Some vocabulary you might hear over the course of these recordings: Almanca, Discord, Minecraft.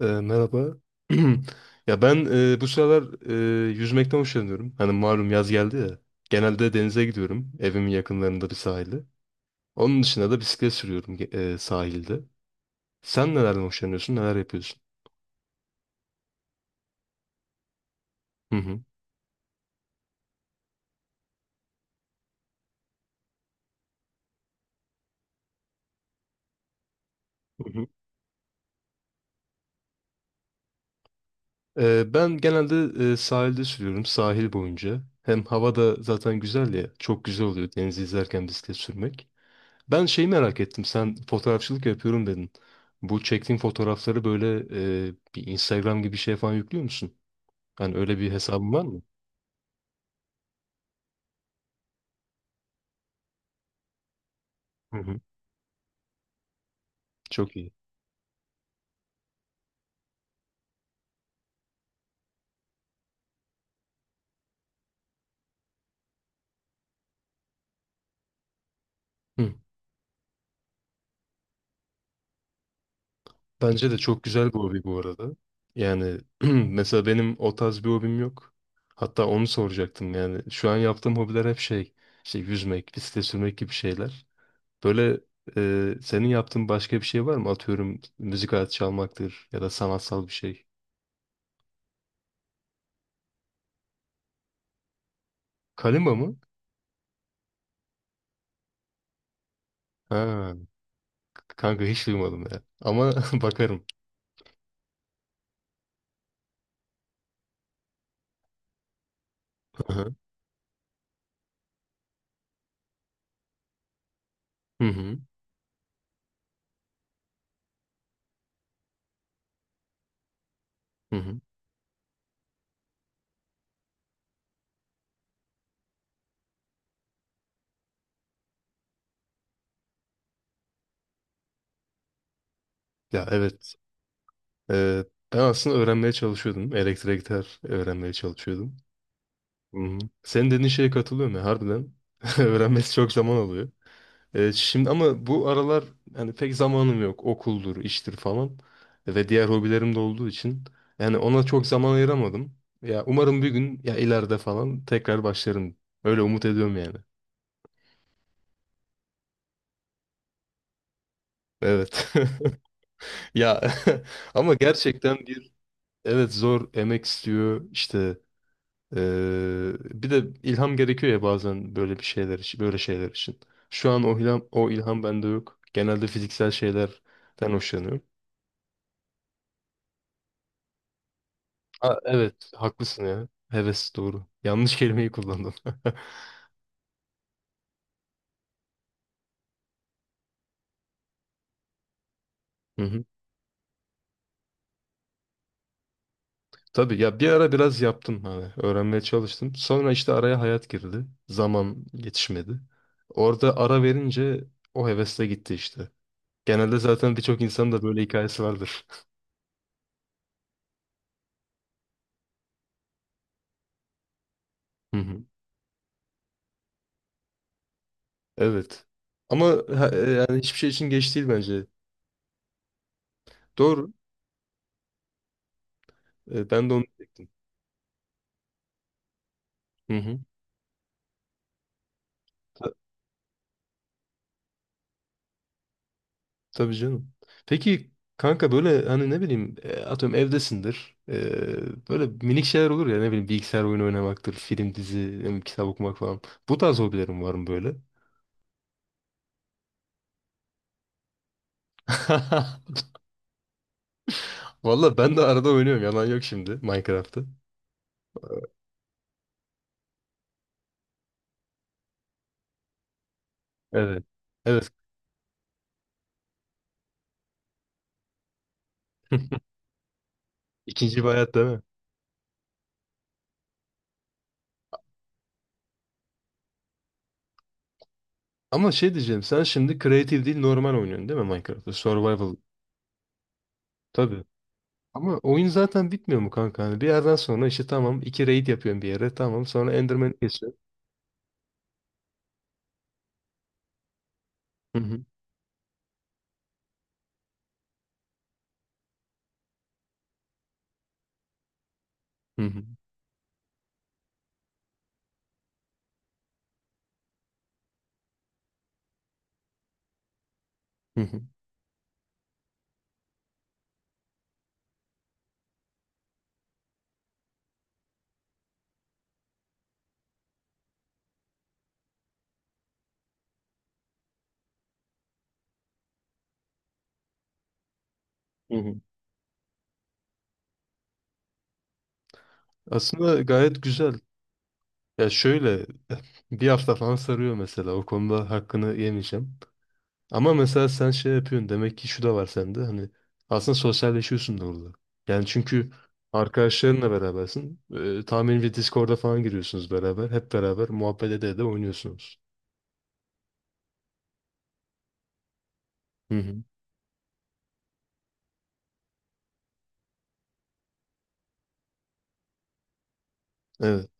Merhaba. Ya ben bu sıralar e, yüzmekten hoşlanıyorum. Hani malum yaz geldi ya. Genelde denize gidiyorum. Evimin yakınlarında bir sahilde. Onun dışında da bisiklet sürüyorum sahilde. Sen nelerden hoşlanıyorsun? Neler yapıyorsun? Hı hı. Hı hı. Ben genelde sahilde sürüyorum. Sahil boyunca. Hem hava da zaten güzel ya. Çok güzel oluyor denizi izlerken bisiklet sürmek. Ben şeyi merak ettim. Sen fotoğrafçılık yapıyorum dedin. Bu çektiğin fotoğrafları böyle bir Instagram gibi bir şeye falan yüklüyor musun? Hani öyle bir hesabın var mı? Hı hı. Çok iyi. Hı. Bence de çok güzel bir hobi bu arada. Yani mesela benim o tarz bir hobim yok. Hatta onu soracaktım yani. Şu an yaptığım hobiler hep şey, işte yüzmek, bisiklet sürmek gibi şeyler. Böyle senin yaptığın başka bir şey var mı? Atıyorum müzik aleti çalmaktır ya da sanatsal bir şey. Kalimba mı? Ha. Kanka hiç duymadım ya. Ama bakarım. Hı hı. Hı hı. Hı hı. Ya evet. Ee, Ben aslında öğrenmeye çalışıyordum. Elektrik gitar öğrenmeye çalışıyordum. Hı hı. Senin dediğin şeye katılıyorum ya harbiden. Öğrenmesi çok zaman alıyor. Şimdi ama bu aralar yani pek zamanım yok. Okuldur, iştir falan. Ve diğer hobilerim de olduğu için. Yani ona çok zaman ayıramadım. Ya umarım bir gün ya ileride falan tekrar başlarım. Öyle umut ediyorum yani. Evet. Ya ama gerçekten evet, zor, emek istiyor işte. eee, Bir de ilham gerekiyor ya bazen böyle bir şeyler için böyle şeyler için. Şu an o ilham o ilham bende yok. Genelde fiziksel şeylerden hoşlanıyorum. Evet haklısın ya. Heves doğru. Yanlış kelimeyi kullandım. Hı hı. Tabii ya bir ara biraz yaptım, hani öğrenmeye çalıştım. Sonra işte araya hayat girdi. Zaman yetişmedi. Orada ara verince o heves de gitti işte. Genelde zaten birçok insanın da böyle hikayesi vardır. Evet. Ama yani hiçbir şey için geç değil bence. Doğru. Ben de onu diyecektim. Hı hı. Ta- tabii canım. Peki kanka, böyle hani ne bileyim, atıyorum evdesindir. E, böyle minik şeyler olur ya, ne bileyim bilgisayar oyunu oynamaktır, film, dizi, ne bileyim, kitap okumak falan. Bu tarz hobilerim var mı böyle? Valla ben de arada oynuyorum, yalan yok, şimdi Minecraft'ı. Evet. Evet. İkinci bir hayat değil mi? Ama şey diyeceğim, sen şimdi creative değil normal oynuyorsun değil mi Minecraft'ı? Survival. Tabii. Ama oyun zaten bitmiyor mu kanka? Hani bir yerden sonra işte tamam, iki raid yapıyorum bir yere. Tamam, sonra enderman kesiyorum. Hı hı. Hı hı. Hı hı. Hı hı. Aslında gayet güzel. Ya şöyle bir hafta falan sarıyor mesela. O konuda hakkını yemeyeceğim. Ama mesela sen şey yapıyorsun. Demek ki şu da var sende. Hani aslında sosyalleşiyorsun da orada. Yani çünkü arkadaşlarınla berabersin. Tahminimce Discord'a falan giriyorsunuz beraber. Hep beraber muhabbet ede de oynuyorsunuz. Hı hı. Evet.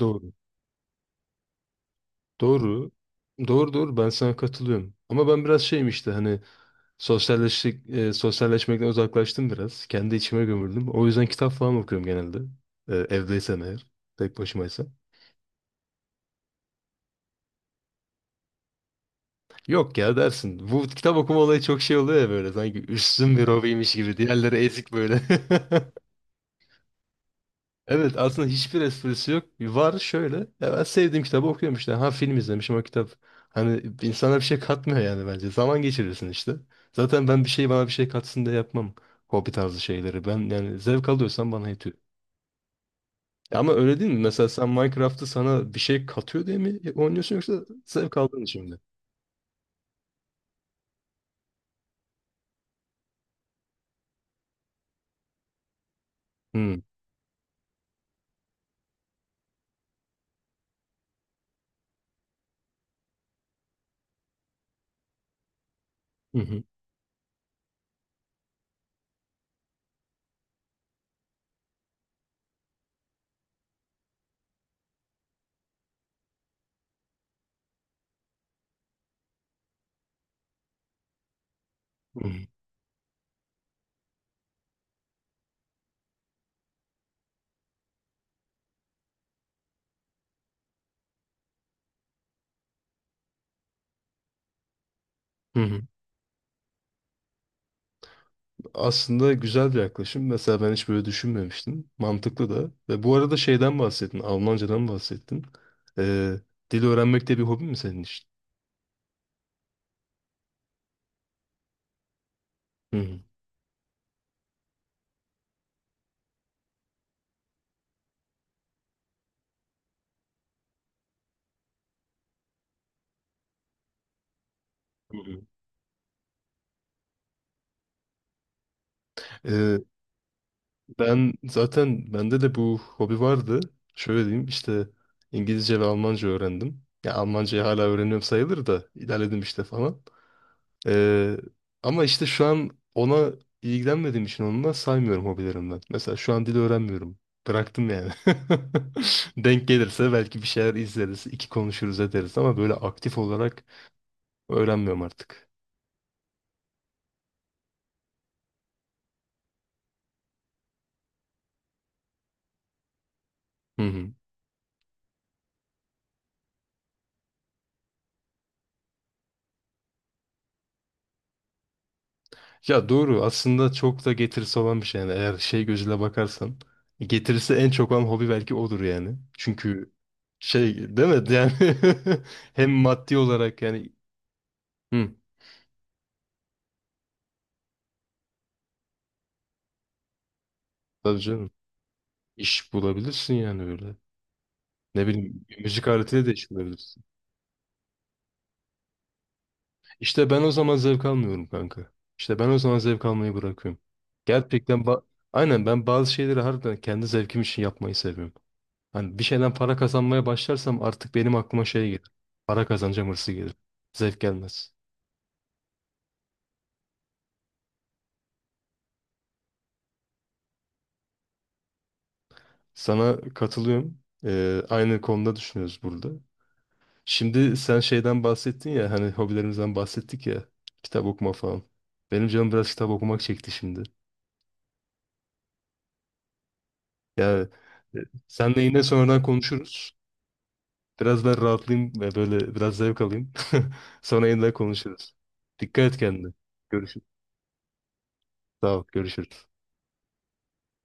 Doğru. Doğru. Doğru doğru, ben sana katılıyorum. Ama ben biraz şeyim işte, hani sosyalleştik, sosyalleşmekten uzaklaştım biraz. Kendi içime gömüldüm. O yüzden kitap falan okuyorum genelde. Evdeysem eğer. Tek başımaysam. Yok ya, dersin. Bu kitap okuma olayı çok şey oluyor ya böyle. Sanki üstün bir hobiymiş gibi. Diğerleri ezik böyle. Evet, aslında hiçbir esprisi yok. Var şöyle. Ya ben sevdiğim kitabı okuyorum işte. Ha, film izlemişim o kitap. Hani insana bir şey katmıyor yani bence. Zaman geçirirsin işte. Zaten ben bir şey, bana bir şey katsın diye yapmam. Hobi tarzı şeyleri. Ben yani zevk alıyorsam bana yetiyor. Ya ama öyle değil mi? Mesela sen Minecraft'ı sana bir şey katıyor diye mi oynuyorsun, yoksa zevk aldığın için mi? Hı hı hı hı. Aslında güzel bir yaklaşım. Mesela ben hiç böyle düşünmemiştim. Mantıklı da. Ve bu arada şeyden bahsettin. Almancadan bahsettin. Ee, Dil öğrenmek de bir hobi mi senin için? Hı hı. Hı hı. Ee, Ben zaten bende de bu hobi vardı. Şöyle diyeyim işte, İngilizce ve Almanca öğrendim. Ya Almancayı hala öğreniyorum sayılır da ilerledim işte falan. Ee, Ama işte şu an ona ilgilenmediğim için onunla saymıyorum hobilerimden. Mesela şu an dil öğrenmiyorum. Bıraktım yani. Denk gelirse belki bir şeyler izleriz, iki konuşuruz ederiz, ama böyle aktif olarak öğrenmiyorum artık. Hı hı. Ya doğru, aslında çok da getirisi olan bir şey yani, eğer şey gözüyle bakarsan getirisi en çok olan hobi belki odur yani. Çünkü şey değil mi yani hem maddi olarak yani, hı, tabii canım, iş bulabilirsin yani öyle. Ne bileyim, müzik aletiyle de çalabilirsin. İşte ben o zaman zevk almıyorum kanka. İşte ben o zaman zevk almayı bırakıyorum. Gerçekten aynen, ben bazı şeyleri harbiden kendi zevkim için yapmayı seviyorum. Hani bir şeyden para kazanmaya başlarsam artık benim aklıma şey gelir. Para kazanacağım hırsı gelir. Zevk gelmez. Sana katılıyorum. Aynı konuda düşünüyoruz burada. Şimdi sen şeyden bahsettin ya, hani hobilerimizden bahsettik ya, kitap okuma falan. Benim canım biraz kitap okumak çekti şimdi. Ya e, senle yine sonradan konuşuruz. Biraz daha rahatlayayım ve böyle biraz zevk alayım. Sonra yeniden konuşuruz. Dikkat et kendine. Görüşürüz. Sağ ol. Görüşürüz.